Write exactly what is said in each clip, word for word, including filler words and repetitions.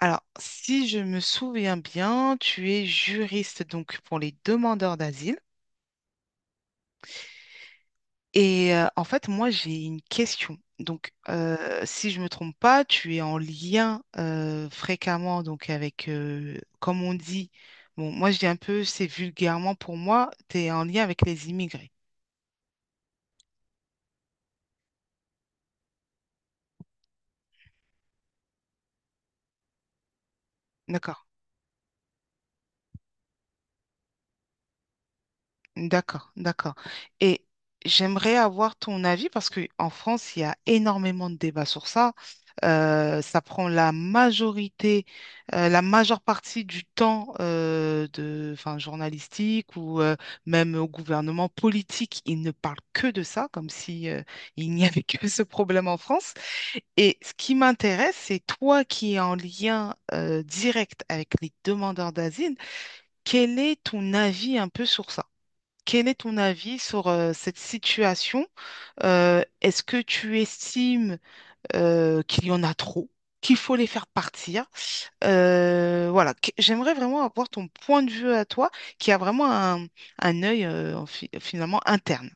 Alors, si je me souviens bien, tu es juriste donc pour les demandeurs d'asile. Et euh, en fait, moi, j'ai une question. Donc, euh, si je me trompe pas, tu es en lien euh, fréquemment donc avec, euh, comme on dit, bon, moi je dis un peu, c'est vulgairement pour moi, tu es en lien avec les immigrés. D'accord. D'accord, d'accord. Et j'aimerais avoir ton avis parce qu'en France, il y a énormément de débats sur ça. Euh, ça prend la majorité, euh, la majeure partie du temps euh, de, enfin, journalistique ou euh, même au gouvernement politique. Ils ne parlent que de ça, comme si euh, il n'y avait que ce problème en France. Et ce qui m'intéresse, c'est toi qui es en lien euh, direct avec les demandeurs d'asile, quel est ton avis un peu sur ça? Quel est ton avis sur euh, cette situation? Euh, est-ce que tu estimes euh, qu'il y en a trop, qu'il faut les faire partir? Euh, voilà, que- j'aimerais vraiment avoir ton point de vue à toi, qui a vraiment un, un œil euh, en fi- finalement interne.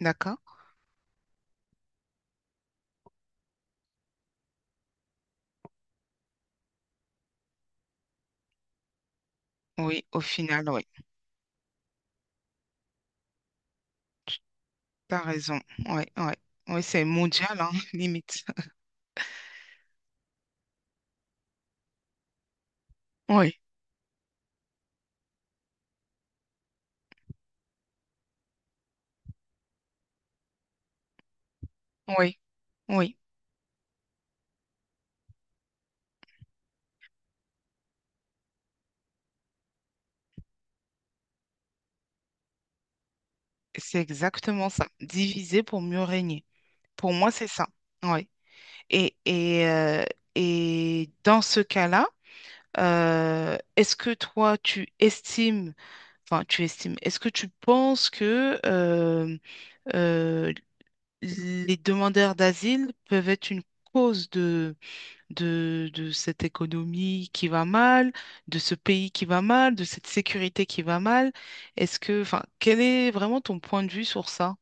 D'accord? Oui, au final, oui. T'as raison. Oui, oui. Oui, c'est mondial, hein, limite. Oui, oui, oui. C'est exactement ça. Diviser pour mieux régner. Pour moi, c'est ça. Oui. Et, et, euh, et dans ce cas-là, euh, est-ce que toi, tu estimes, enfin, tu estimes, est-ce que tu penses que euh, euh, les demandeurs d'asile peuvent être une cause de, de, de cette économie qui va mal, de ce pays qui va mal, de cette sécurité qui va mal? Est-ce que, enfin, quel est vraiment ton point de vue sur ça?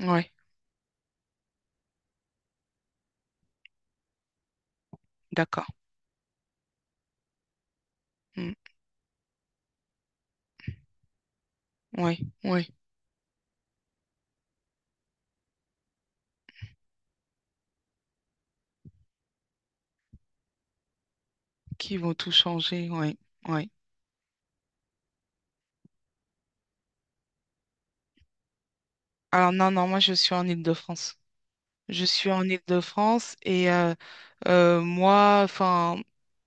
Oui, d'accord. Oui, oui, qui vont tout changer, oui, oui. Alors non, non, moi je suis en Île-de-France. Je suis en Île-de-France et euh, euh, moi, enfin,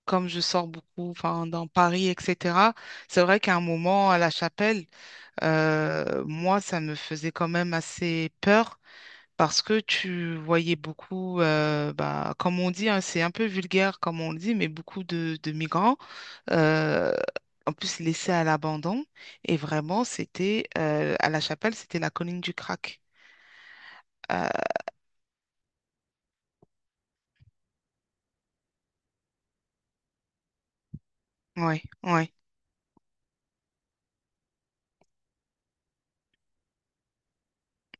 comme je sors beaucoup, enfin, dans Paris, et cetera, c'est vrai qu'à un moment, à La Chapelle, euh, moi, ça me faisait quand même assez peur parce que tu voyais beaucoup, euh, bah, comme on dit, hein, c'est un peu vulgaire comme on le dit, mais beaucoup de, de migrants, euh, en plus laissés à l'abandon. Et vraiment, c'était, euh, à La Chapelle, c'était la colline du crack. Oui, oui,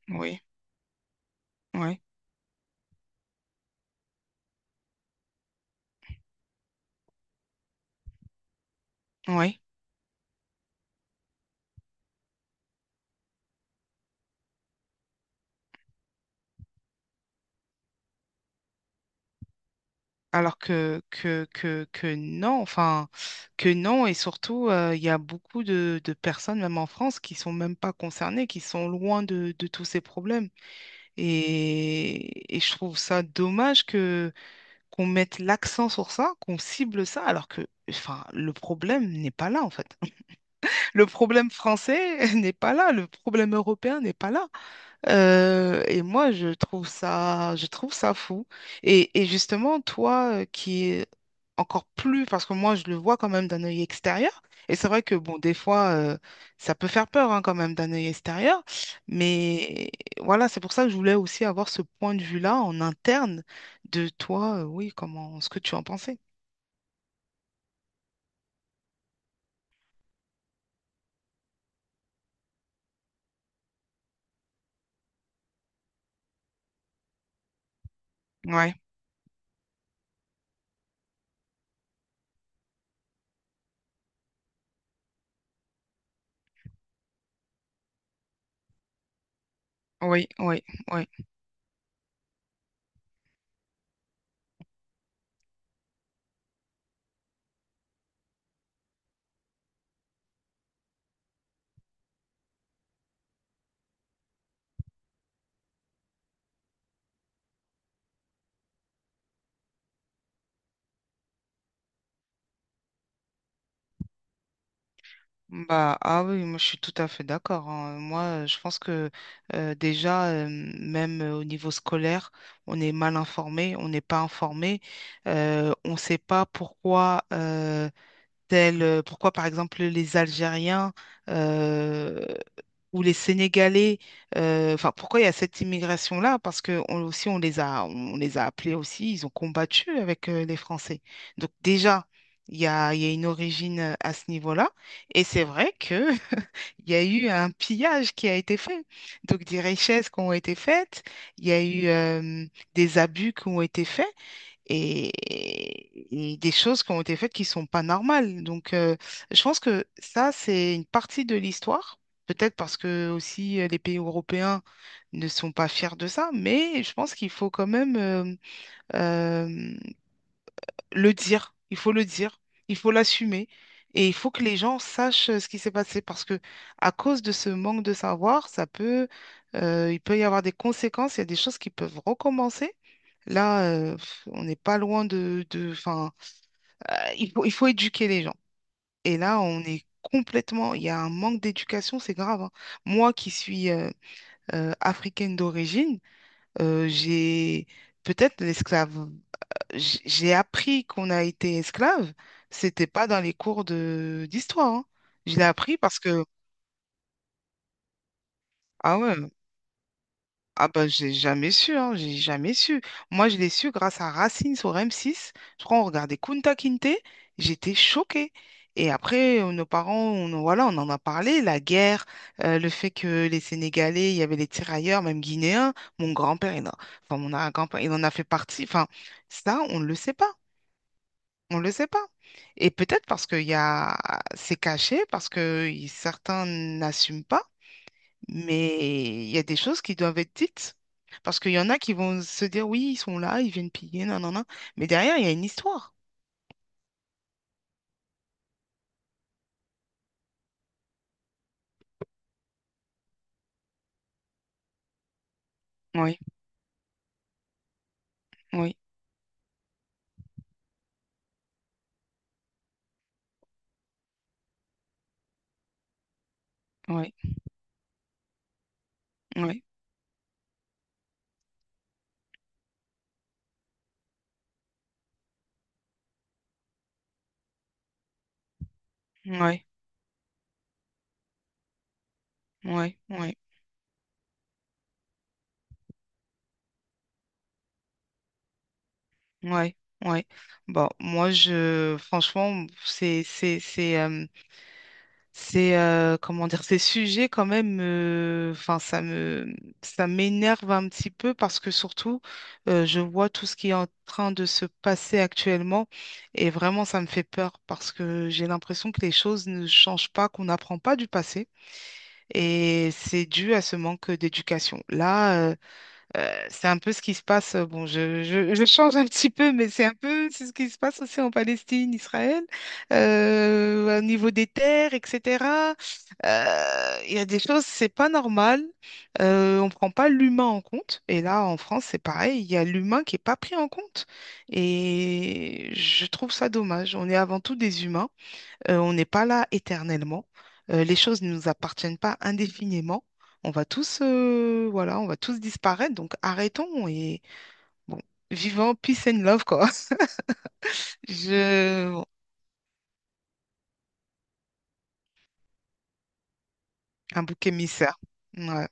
oui, oui, oui. Alors que, que, que, que non, enfin, que non, et surtout, euh, il y a beaucoup de, de personnes, même en France, qui sont même pas concernées, qui sont loin de, de tous ces problèmes. Et, et je trouve ça dommage que qu'on mette l'accent sur ça, qu'on cible ça, alors que, enfin, le problème n'est pas là, en fait. Le problème français n'est pas là, le problème européen n'est pas là. Euh, et moi, je trouve ça, je trouve ça fou. Et, et justement, toi, euh, qui est encore plus, parce que moi, je le vois quand même d'un œil extérieur. Et c'est vrai que, bon, des fois, euh, ça peut faire peur, hein, quand même, d'un œil extérieur. Mais voilà, c'est pour ça que je voulais aussi avoir ce point de vue-là en interne de toi. Euh, oui, comment, ce que tu en pensais. Ouais, oui, oui, oui. Bah, ah oui, moi je suis tout à fait d'accord, hein. Moi, euh, je pense que euh, déjà, euh, même euh, au niveau scolaire, on est mal informé, on n'est pas informé, euh, on ne sait pas pourquoi, euh, tel, euh, pourquoi par exemple les Algériens euh, ou les Sénégalais, euh, enfin pourquoi il y a cette immigration-là? Parce que on, aussi on les a, on les a appelés aussi, ils ont combattu avec euh, les Français. Donc déjà, il y a, il y a une origine euh, à ce niveau-là. Et c'est vrai que il y a eu un pillage qui a été fait. Donc des richesses qui ont été faites, il y a eu euh, des abus qui ont été faits et, et des choses qui ont été faites qui sont pas normales. Donc, euh, je pense que ça, c'est une partie de l'histoire. Peut-être parce que aussi euh, les pays européens ne sont pas fiers de ça, mais je pense qu'il faut quand même euh, euh, le dire, il faut le dire, il faut l'assumer et il faut que les gens sachent euh, ce qui s'est passé parce que à cause de ce manque de savoir, ça peut, euh, il peut y avoir des conséquences, il y a des choses qui peuvent recommencer. Là, euh, pff, on n'est pas loin de, de, enfin, euh, il faut, il faut éduquer les gens. Et là, on est complètement, il y a un manque d'éducation, c'est grave, hein. Moi qui suis euh, euh, africaine d'origine, euh, j'ai peut-être l'esclave j- j'ai appris qu'on a été esclave, c'était pas dans les cours de d'histoire, hein. Je l'ai appris parce que ah ouais, ah bah j'ai jamais su, hein, j'ai jamais su. Moi, je l'ai su grâce à Racine sur M six. Je crois on regardait Kunta Kinte, j'étais choquée. Et après, euh, nos parents, on, voilà, on en a parlé, la guerre, euh, le fait que les Sénégalais, il y avait les tirailleurs, même guinéens. Mon grand-père, il en- Enfin mon grand-père, il en a fait partie. Enfin, ça, on ne le sait pas. On ne le sait pas. Et peut-être parce qu'il y a, c'est caché, parce que y- certains n'assument pas, mais il y a des choses qui doivent être dites. Parce qu'il y en a qui vont se dire, oui, ils sont là, ils viennent piller, non, non, non. Mais derrière, il y a une histoire. Oui, oui, oui, oui, oui, oui, oui, oui, oui. Bon, moi, je, franchement, c'est, c'est, c'est, euh, c'est euh, comment dire, ces sujets quand même, euh, enfin ça me, ça m'énerve un petit peu parce que surtout, euh, je vois tout ce qui est en train de se passer actuellement et vraiment ça me fait peur parce que j'ai l'impression que les choses ne changent pas, qu'on n'apprend pas du passé et c'est dû à ce manque d'éducation. Là, euh, euh, c'est un peu ce qui se passe. euh, Bon, je, je, je change un petit peu, mais c'est un peu c'est ce qui se passe aussi en Palestine, Israël, euh, au niveau des terres, et cetera. Euh, Il y a des choses, c'est pas normal. Euh, on prend pas l'humain en compte. Et là, en France, c'est pareil. Il y a l'humain qui est pas pris en compte. Et je trouve ça dommage. On est avant tout des humains. Euh, on n'est pas là éternellement. Euh, les choses ne nous appartiennent pas indéfiniment. On va tous, euh, voilà, on va tous disparaître. Donc arrêtons et bon, vivons peace and love quoi. Je, bon, un bouc émissaire. Ouais,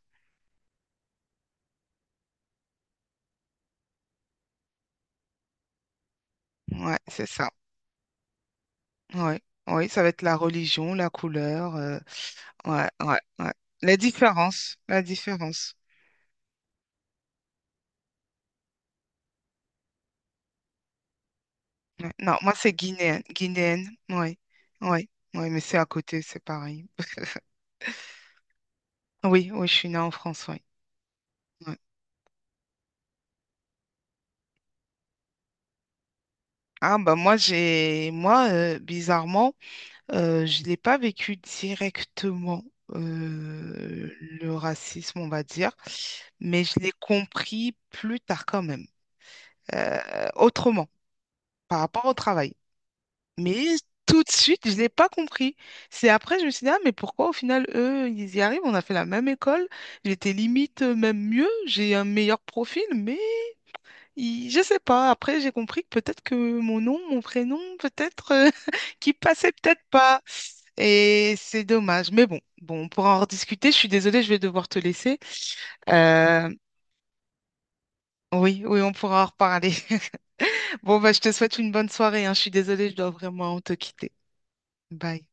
ouais, c'est ça. Ouais, ouais, ça va être la religion, la couleur. Euh, ouais, ouais, ouais. La différence, la différence. Ouais. Non, moi c'est guinéenne, guinéenne. Ouais, ouais, ouais, mais c'est à côté, c'est pareil. Oui, oui, je suis née en France, oui. Ouais. Ah bah moi j'ai moi euh, bizarrement euh, je l'ai pas vécu directement euh, le racisme on va dire mais je l'ai compris plus tard quand même euh, autrement par rapport au travail mais tout de suite je l'ai pas compris, c'est après je me suis dit ah mais pourquoi au final eux ils y arrivent, on a fait la même école, j'étais limite euh, même mieux, j'ai un meilleur profil mais il- je sais pas. Après, j'ai compris que peut-être que mon nom, mon prénom, peut-être euh, qui passait peut-être pas. Et c'est dommage. Mais bon, bon, on pourra en rediscuter. Je suis désolée, je vais devoir te laisser. Euh, oui, oui, on pourra en reparler. Bon, bah, je te souhaite une bonne soirée, hein. Je suis désolée, je dois vraiment te quitter. Bye.